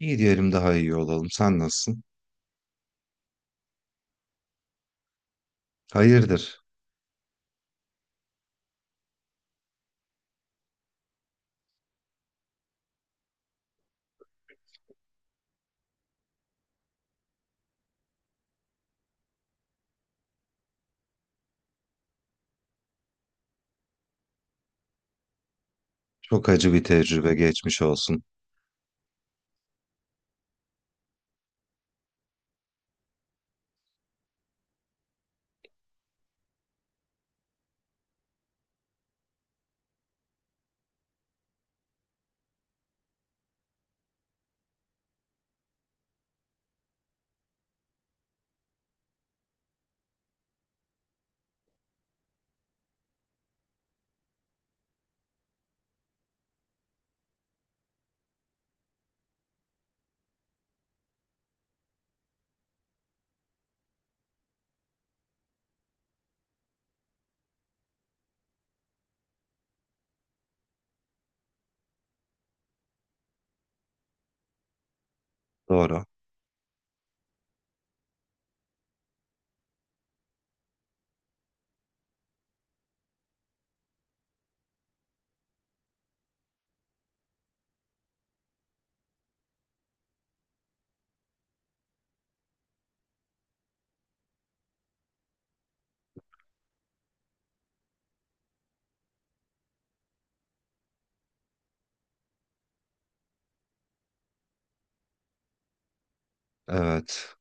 İyi diyelim daha iyi olalım. Sen nasılsın? Hayırdır? Çok acı bir tecrübe geçmiş olsun. Doğru. Evet.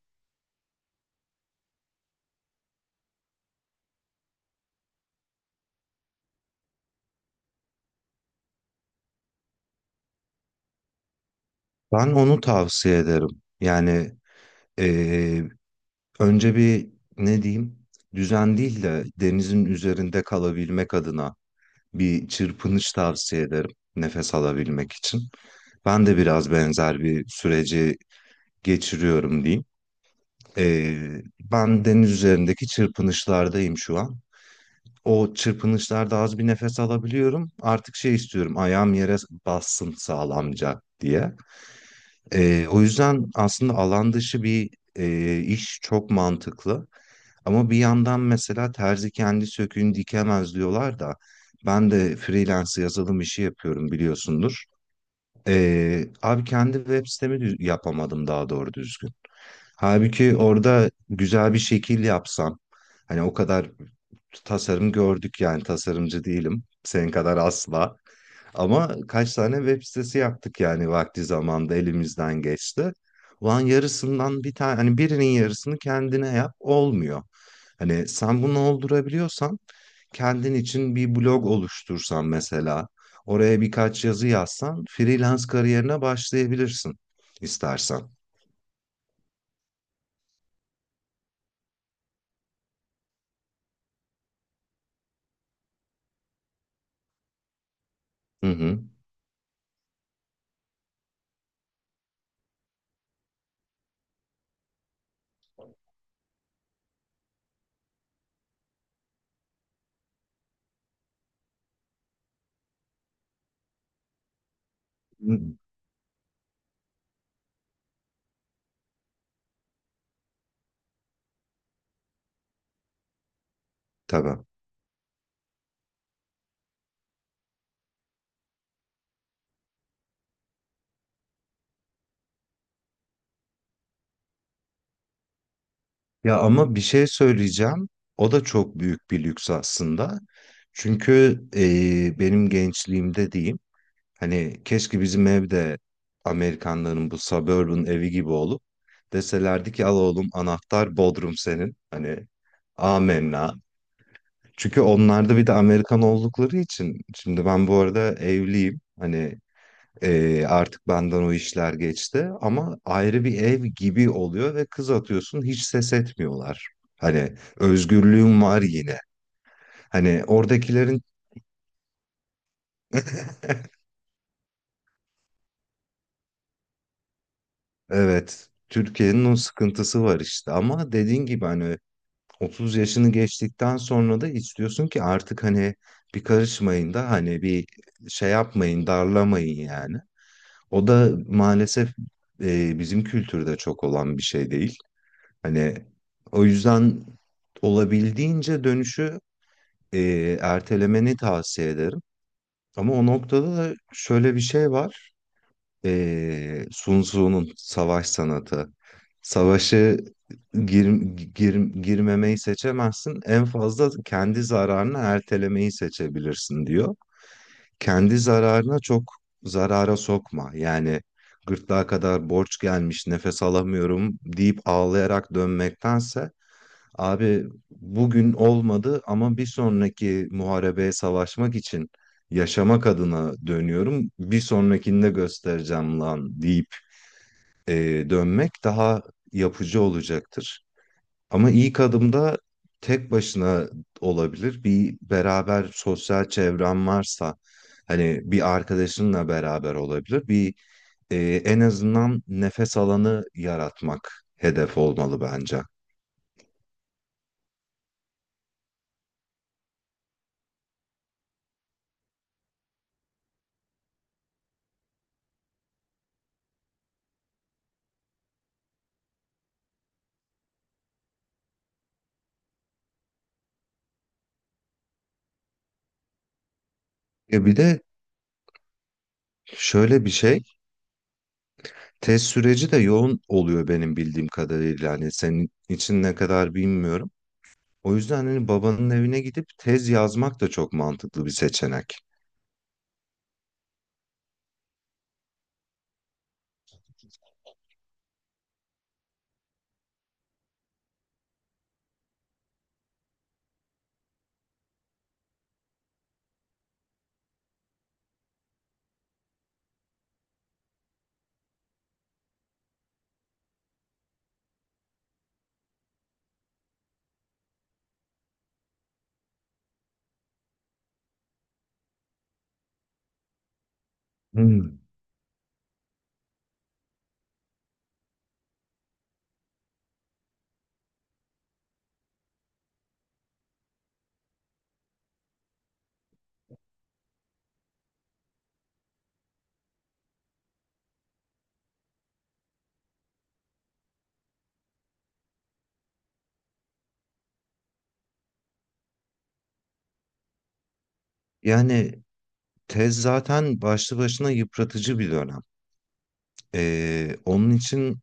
Ben onu tavsiye ederim. Yani eee, önce bir ne diyeyim? Düzen değil de denizin üzerinde kalabilmek adına bir çırpınış tavsiye ederim. Nefes alabilmek için. Ben de biraz benzer bir süreci geçiriyorum diyeyim. Ben deniz üzerindeki çırpınışlardayım şu an. O çırpınışlarda az bir nefes alabiliyorum. Artık şey istiyorum ayağım yere bassın sağlamca diye. O yüzden aslında alan dışı bir iş çok mantıklı. Ama bir yandan mesela terzi kendi söküğünü dikemez diyorlar da ben de freelance yazılım işi yapıyorum biliyorsundur. Abi kendi web sitemi yapamadım daha doğru düzgün. Halbuki orada güzel bir şekil yapsam, hani o kadar tasarım gördük yani tasarımcı değilim. Senin kadar asla. Ama kaç tane web sitesi yaptık yani vakti zamanda elimizden geçti. Ulan yarısından bir tane hani birinin yarısını kendine yap olmuyor. Hani sen bunu oldurabiliyorsan kendin için bir blog oluştursan mesela, oraya birkaç yazı yazsan freelance kariyerine başlayabilirsin istersen. Hı hı. Hı. Tabii. Ya ama bir şey söyleyeceğim. O da çok büyük bir lüks aslında. Çünkü benim gençliğimde diyeyim, hani keşke bizim evde Amerikanların bu suburban evi gibi olup deselerdi ki al oğlum anahtar Bodrum senin. Hani amenna. Çünkü onlar da bir de Amerikan oldukları için. Şimdi ben bu arada evliyim. Hani artık benden o işler geçti. Ama ayrı bir ev gibi oluyor ve kız atıyorsun hiç ses etmiyorlar. Hani özgürlüğüm var yine. Hani oradakilerin evet Türkiye'nin o sıkıntısı var işte. Ama dediğin gibi hani 30 yaşını geçtikten sonra da istiyorsun ki artık hani bir karışmayın da hani bir şey yapmayın darlamayın yani. O da maalesef bizim kültürde çok olan bir şey değil. Hani o yüzden olabildiğince dönüşü ertelemeni tavsiye ederim. Ama o noktada da şöyle bir şey var. Sun Tzu'nun savaş sanatı. Savaşı gir, gir, girmemeyi seçemezsin. En fazla kendi zararını ertelemeyi seçebilirsin diyor, kendi zararına çok zarara sokma. Yani gırtlağa kadar borç gelmiş, nefes alamıyorum deyip ağlayarak dönmektense abi bugün olmadı ama bir sonraki muharebeye savaşmak için yaşamak adına dönüyorum. Bir sonrakinde göstereceğim lan deyip dönmek daha yapıcı olacaktır. Ama ilk adımda tek başına olabilir. Bir beraber sosyal çevren varsa hani bir arkadaşınla beraber olabilir. E, En azından nefes alanı yaratmak hedef olmalı bence. E bir de şöyle bir şey, test süreci de yoğun oluyor benim bildiğim kadarıyla. Hani senin için ne kadar bilmiyorum. O yüzden hani babanın evine gidip tez yazmak da çok mantıklı bir seçenek. Hmm. Yani tez zaten başlı başına yıpratıcı bir dönem. Onun için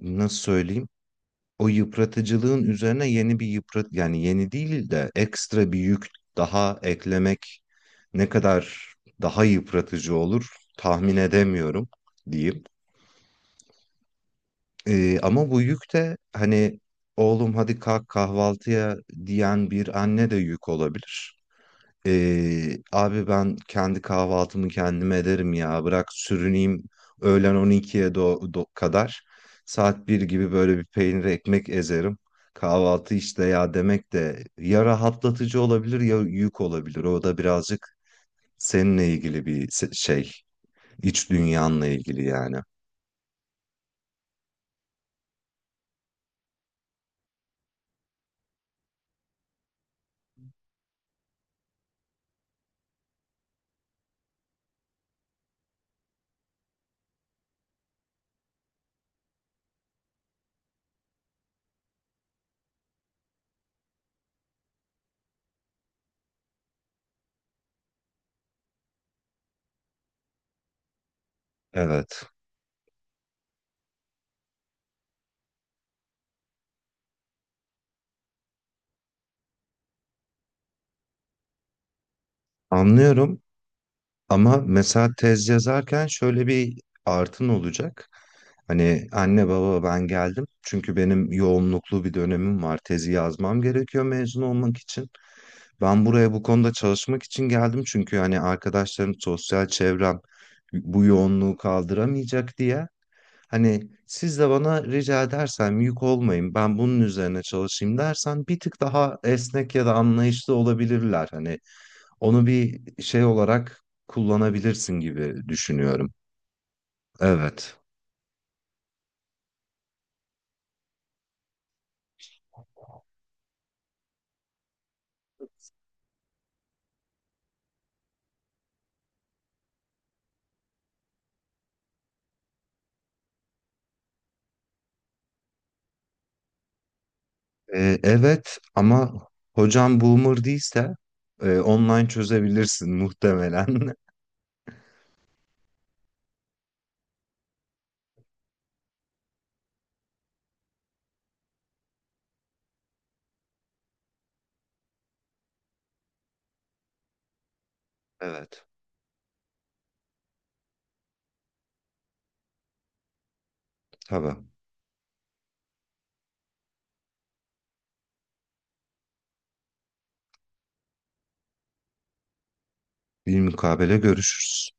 nasıl söyleyeyim? O yıpratıcılığın üzerine yeni bir yıprat yani yeni değil de ekstra bir yük daha eklemek ne kadar daha yıpratıcı olur tahmin edemiyorum diyeyim. Ama bu yük de hani oğlum hadi kalk kahvaltıya diyen bir anne de yük olabilir. Abi ben kendi kahvaltımı kendim ederim ya bırak sürüneyim öğlen 12'ye kadar saat bir gibi böyle bir peynir ekmek ezerim. Kahvaltı işte ya demek de ya rahatlatıcı olabilir ya yük olabilir. O da birazcık seninle ilgili bir şey, iç dünyanla ilgili yani. Evet. Anlıyorum. Ama mesela tez yazarken şöyle bir artın olacak. Hani anne baba ben geldim. Çünkü benim yoğunluklu bir dönemim var. Tezi yazmam gerekiyor mezun olmak için. Ben buraya bu konuda çalışmak için geldim. Çünkü hani arkadaşlarım, sosyal çevrem bu yoğunluğu kaldıramayacak diye. Hani siz de bana rica edersen yük olmayın ben bunun üzerine çalışayım dersen bir tık daha esnek ya da anlayışlı olabilirler. Hani onu bir şey olarak kullanabilirsin gibi düşünüyorum. Evet. Evet ama hocam boomer değilse online çözebilirsin muhtemelen. Evet. Tamam. Bir mukabele görüşürüz.